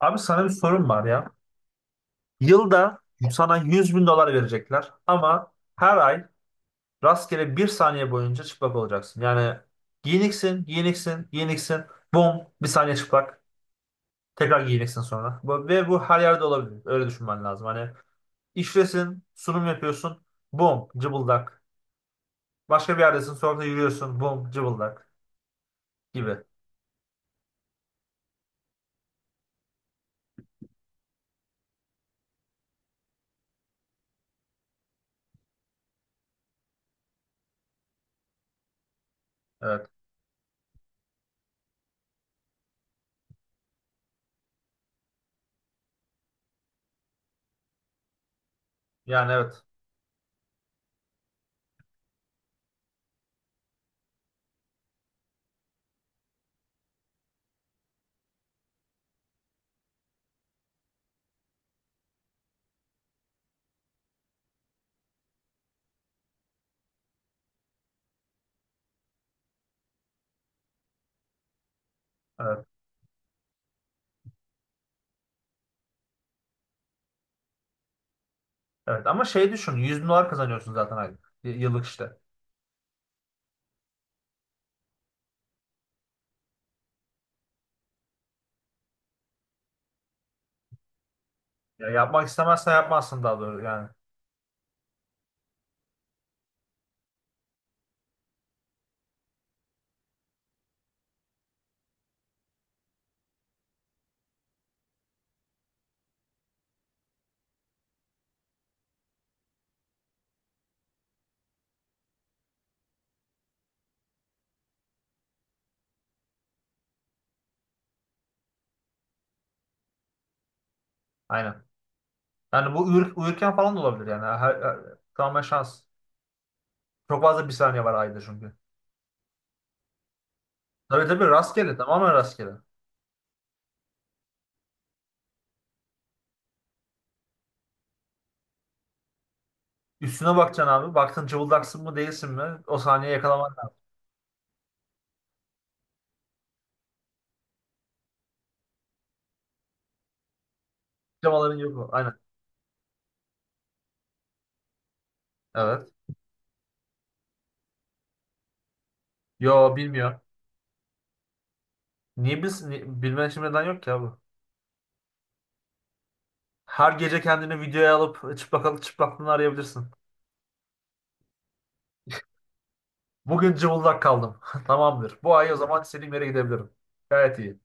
Abi sana bir sorum var ya. Yılda sana 100 bin dolar verecekler ama her ay rastgele bir saniye boyunca çıplak olacaksın. Yani giyiniksin, giyiniksin, giyiniksin. Bum, bir saniye çıplak. Tekrar giyiniksin sonra. Ve bu her yerde olabilir. Öyle düşünmen lazım. Hani işlesin, sunum yapıyorsun. Bum, cıbıldak. Başka bir yerdesin, sokakta yürüyorsun. Bum, cıbıldak gibi. Evet. Yani evet. Evet. Evet. Ama şey düşün. 100 bin dolar kazanıyorsun zaten aylık. Yıllık işte. Ya yapmak istemezsen yapmazsın daha doğru yani. Aynen. Yani bu uyurken falan da olabilir yani. Tamamen şans. Çok fazla bir saniye var ayda çünkü. Tabii tabii rastgele tamamen rastgele. Üstüne bakacaksın abi. Baktın cıvıldaksın mı değilsin mi? O saniye yakalaman lazım. Camaların yok o. Aynen. Evet. Yo bilmiyor. Niye bilsin? Bilmen için neden yok ki abi? Her gece kendini videoya alıp çıplaklığını arayabilirsin. Bugün cıvıldak kaldım. Tamamdır. Bu ay o zaman istediğim yere gidebilirim. Gayet iyi.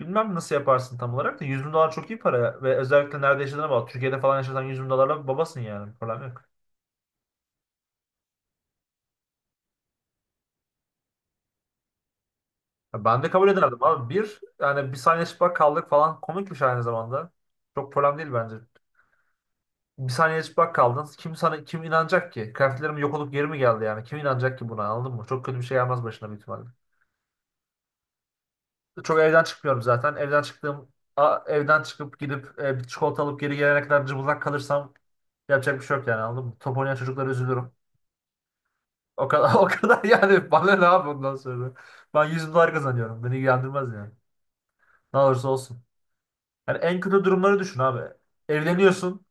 Bilmem nasıl yaparsın tam olarak da 100 bin dolar çok iyi para ve özellikle nerede yaşadığına bağlı. Türkiye'de falan yaşasan 100 bin dolarla babasın yani. Problem yok. Ya ben de kabul ederdim abi. Yani bir saniye çıplak kaldık falan komikmiş aynı zamanda. Çok problem değil bence. Bir saniye çıplak kaldın. Kim inanacak ki? Kıyafetlerim yok olup geri mi geldi yani? Kim inanacak ki buna anladın mı? Çok kötü bir şey gelmez başına büyük ihtimalle. Çok evden çıkmıyorum zaten. Evden çıkıp gidip bir çikolata alıp geri gelene kadar cıbıldak kalırsam yapacak bir şey yok yani anladın mı? Top oynayan çocuklara üzülürüm. O kadar o kadar yani bana ne abi ondan sonra. Ben 100 dolar kazanıyorum. Beni ilgilendirmez yani. Ne olursa olsun. Yani en kötü durumları düşün abi. Evleniyorsun.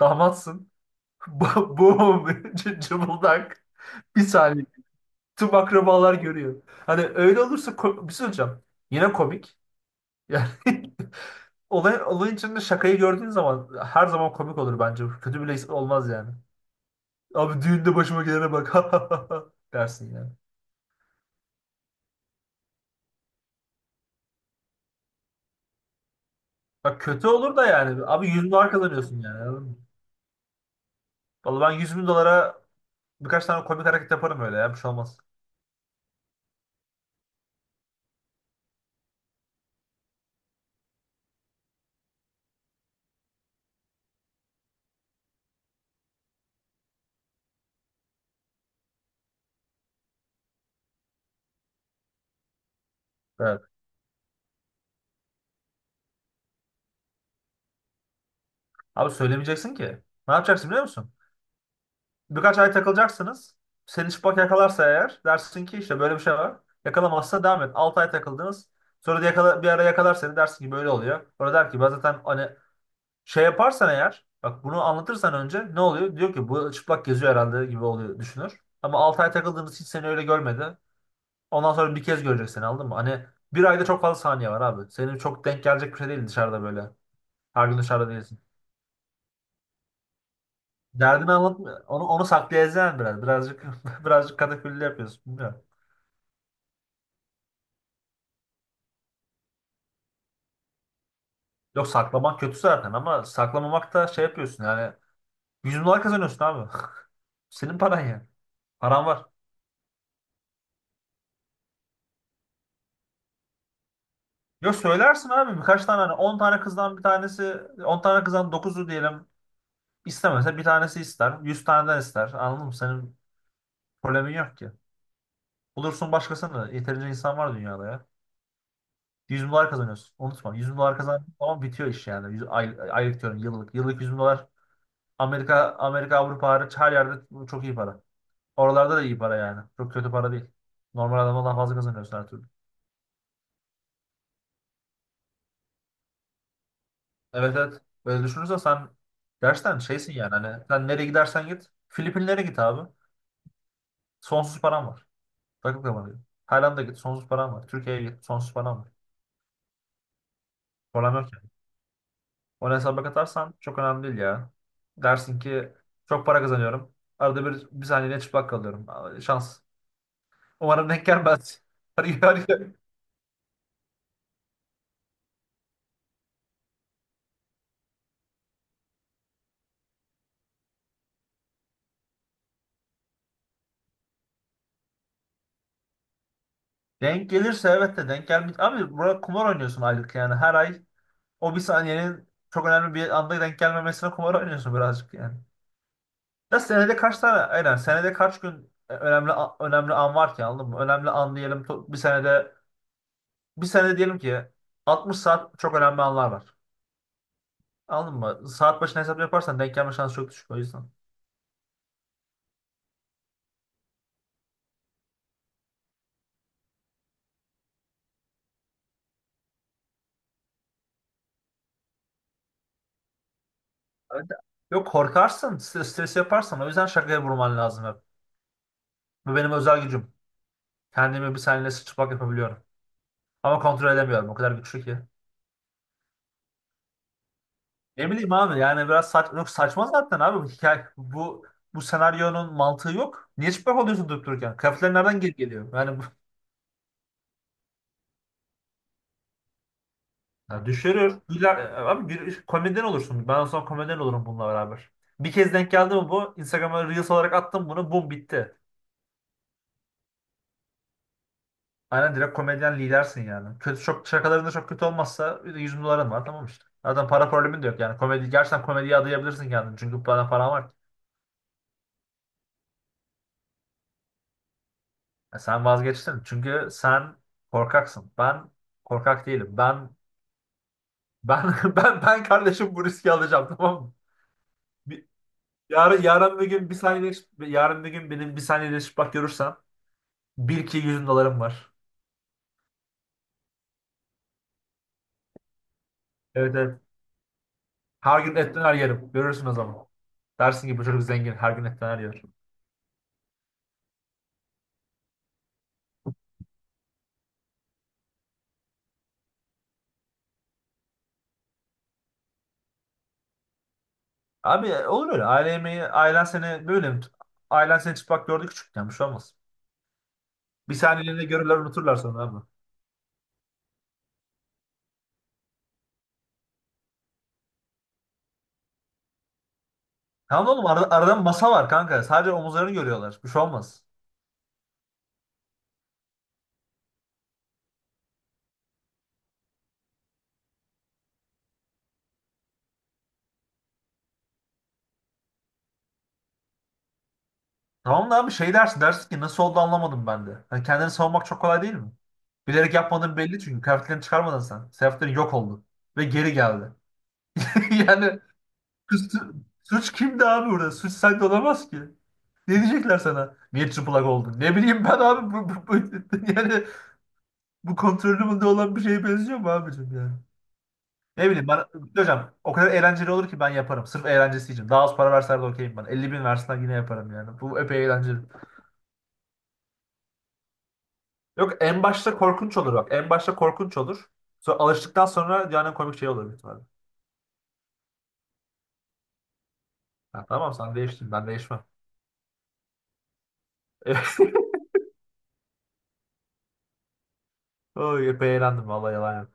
Damatsın. Boom. Cıbıldak. Bir saniye. Tüm akrabalar görüyor. Hani öyle olursa bir şey söyleyeceğim. Yine komik. Yani olayın içinde şakayı gördüğün zaman her zaman komik olur bence. Kötü bile olmaz yani. Abi düğünde başıma gelene bak dersin yani. Bak kötü olur da yani. Abi 100 dolar kazanıyorsun yani. Anladın mı? Vallahi ben 100 bin dolara birkaç tane komik hareket yaparım öyle ya. Bir şey olmaz. Evet. Abi söylemeyeceksin ki. Ne yapacaksın biliyor musun? Birkaç ay takılacaksınız. Seni çıplak yakalarsa eğer dersin ki işte böyle bir şey var. Yakalamazsa devam et. 6 ay takıldınız. Sonra da bir ara yakalar seni dersin ki böyle oluyor. Sonra der ki ben zaten hani şey yaparsan eğer bak bunu anlatırsan önce ne oluyor? Diyor ki bu çıplak geziyor herhalde gibi oluyor düşünür. Ama 6 ay takıldığınız hiç seni öyle görmedi. Ondan sonra bir kez görecek seni anladın mı? Hani bir ayda çok fazla saniye var abi. Senin çok denk gelecek bir şey değil dışarıda böyle. Her gün dışarıda değilsin. Derdini anlatma. Onu saklayacaksın biraz. Birazcık birazcık katakulli yapıyorsun. Bilmiyorum. Yok saklamak kötü zaten ama saklamamak da şey yapıyorsun yani. 100 dolar kazanıyorsun abi. Senin paran yani. Paran var. Yok söylersin abi birkaç tane hani 10 tane kızdan bir tanesi 10 tane kızdan dokuzu diyelim istemese bir tanesi ister. 100 taneden ister. Anladın mı? Senin problemin yok ki. Bulursun başkasını. Yeterince insan var dünyada ya. 100 bin dolar kazanıyorsun. Unutma. 100 bin dolar kazandığın zaman bitiyor iş yani. Aylık diyorum yıllık. Yıllık 100 bin dolar. Amerika, Avrupa hariç her yerde çok iyi para. Oralarda da iyi para yani. Çok kötü para değil. Normal adamdan daha fazla kazanıyorsun her türlü. Evet evet. Böyle düşünürsen sen gerçekten şeysin yani. Hani sen nereye gidersen git. Filipinlere git abi. Sonsuz paran var. Takıp kapanıyor. Tayland'a git. Sonsuz paran var. Türkiye'ye git. Sonsuz paran var. Problem yok yani. Onu hesaba katarsan çok önemli değil ya. Dersin ki çok para kazanıyorum. Arada bir, bir saniyede çıplak kalıyorum. Aa, şans. Umarım denk gelmez. Yani denk gelirse evet de denk gelmez. Abi burada kumar oynuyorsun aylık yani. Her ay o bir saniyenin çok önemli bir anda denk gelmemesine kumar oynuyorsun birazcık yani. Ya senede kaç tane aynen senede kaç gün önemli önemli an var ki anladın mı? Önemli an diyelim bir senede diyelim ki 60 saat çok önemli anlar var. Anladın mı? Saat başına hesap yaparsan denk gelme şansı çok düşük o yüzden. Evet. Yok korkarsın, stres yaparsan o yüzden şakaya vurman lazım hep. Bu benim özel gücüm. Kendimi bir saniye sıçrapak yapabiliyorum. Ama kontrol edemiyorum o kadar güçlü ki. Ne bileyim abi yani biraz yok saçma zaten abi bu hikaye. Bu senaryonun mantığı yok. Niye çıplak oluyorsun durup dururken? Kıyafetler nereden geri geliyor? Yani bu, ya düşürür. Güler, abi komedyen olursun. Ben o zaman komedyen olurum bununla beraber. Bir kez denk geldi mi bu? Instagram'a Reels olarak attım bunu. Bum bitti. Aynen direkt komedyen lidersin yani. Çok şakalarında çok kötü olmazsa 100 de bin doların var tamam işte. Zaten para problemin de yok yani. Gerçekten komediye adayabilirsin kendini. Çünkü bana paran var ki. Ya sen vazgeçtin. Çünkü sen korkaksın. Ben korkak değilim. Ben ben kardeşim bu riski alacağım tamam mı? Bir, yarın yarın bir gün bir saniye yarın bir gün benim bir saniye bak görürsen bil ki 100 bin dolarım var. Evet evet. Her gün et döner yerim. Görürsün o zaman. Dersin ki bu çocuk zengin. Her gün et döner yer. Abi olur öyle. Ailen seni böyle mi? Ailen seni çıplak gördü küçükken. Bir şey olmaz. Bir saniyeliğine görürler unuturlar sonra abi. Tamam oğlum arada masa var kanka. Sadece omuzlarını görüyorlar. Bir şey olmaz. Tamam da abi şey dersin. Dersin ki nasıl oldu anlamadım ben de. Hani kendini savunmak çok kolay değil mi? Bilerek yapmadığın belli çünkü. Kıyafetlerini çıkarmadın sen. Kıyafetlerin yok oldu. Ve geri geldi. Yani su- suç kimdi abi burada? Suç sende olamaz ki. Ne diyecekler sana? Niye çıplak oldun? Ne bileyim ben abi. Yani bu kontrolümde olan bir şeye benziyor mu abicim yani? Ne bileyim bana, hocam o kadar eğlenceli olur ki ben yaparım. Sırf eğlencesi için. Daha az para verseler de okeyim ben. 50 bin versen yine yaparım yani. Bu epey eğlenceli. Yok en başta korkunç olur bak. En başta korkunç olur. Sonra alıştıktan sonra yani komik şey olur büyük ihtimalle. Ha, tamam sen değiştin ben değişmem. Oy epey eğlendim vallahi yalan yok.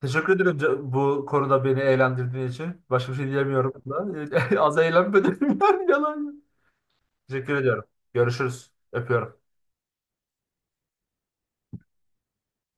Teşekkür ederim bu konuda beni eğlendirdiğin için. Başka bir şey diyemiyorum da. Az eğlenmedim yani yalan yok. Teşekkür ediyorum. Görüşürüz. Öpüyorum.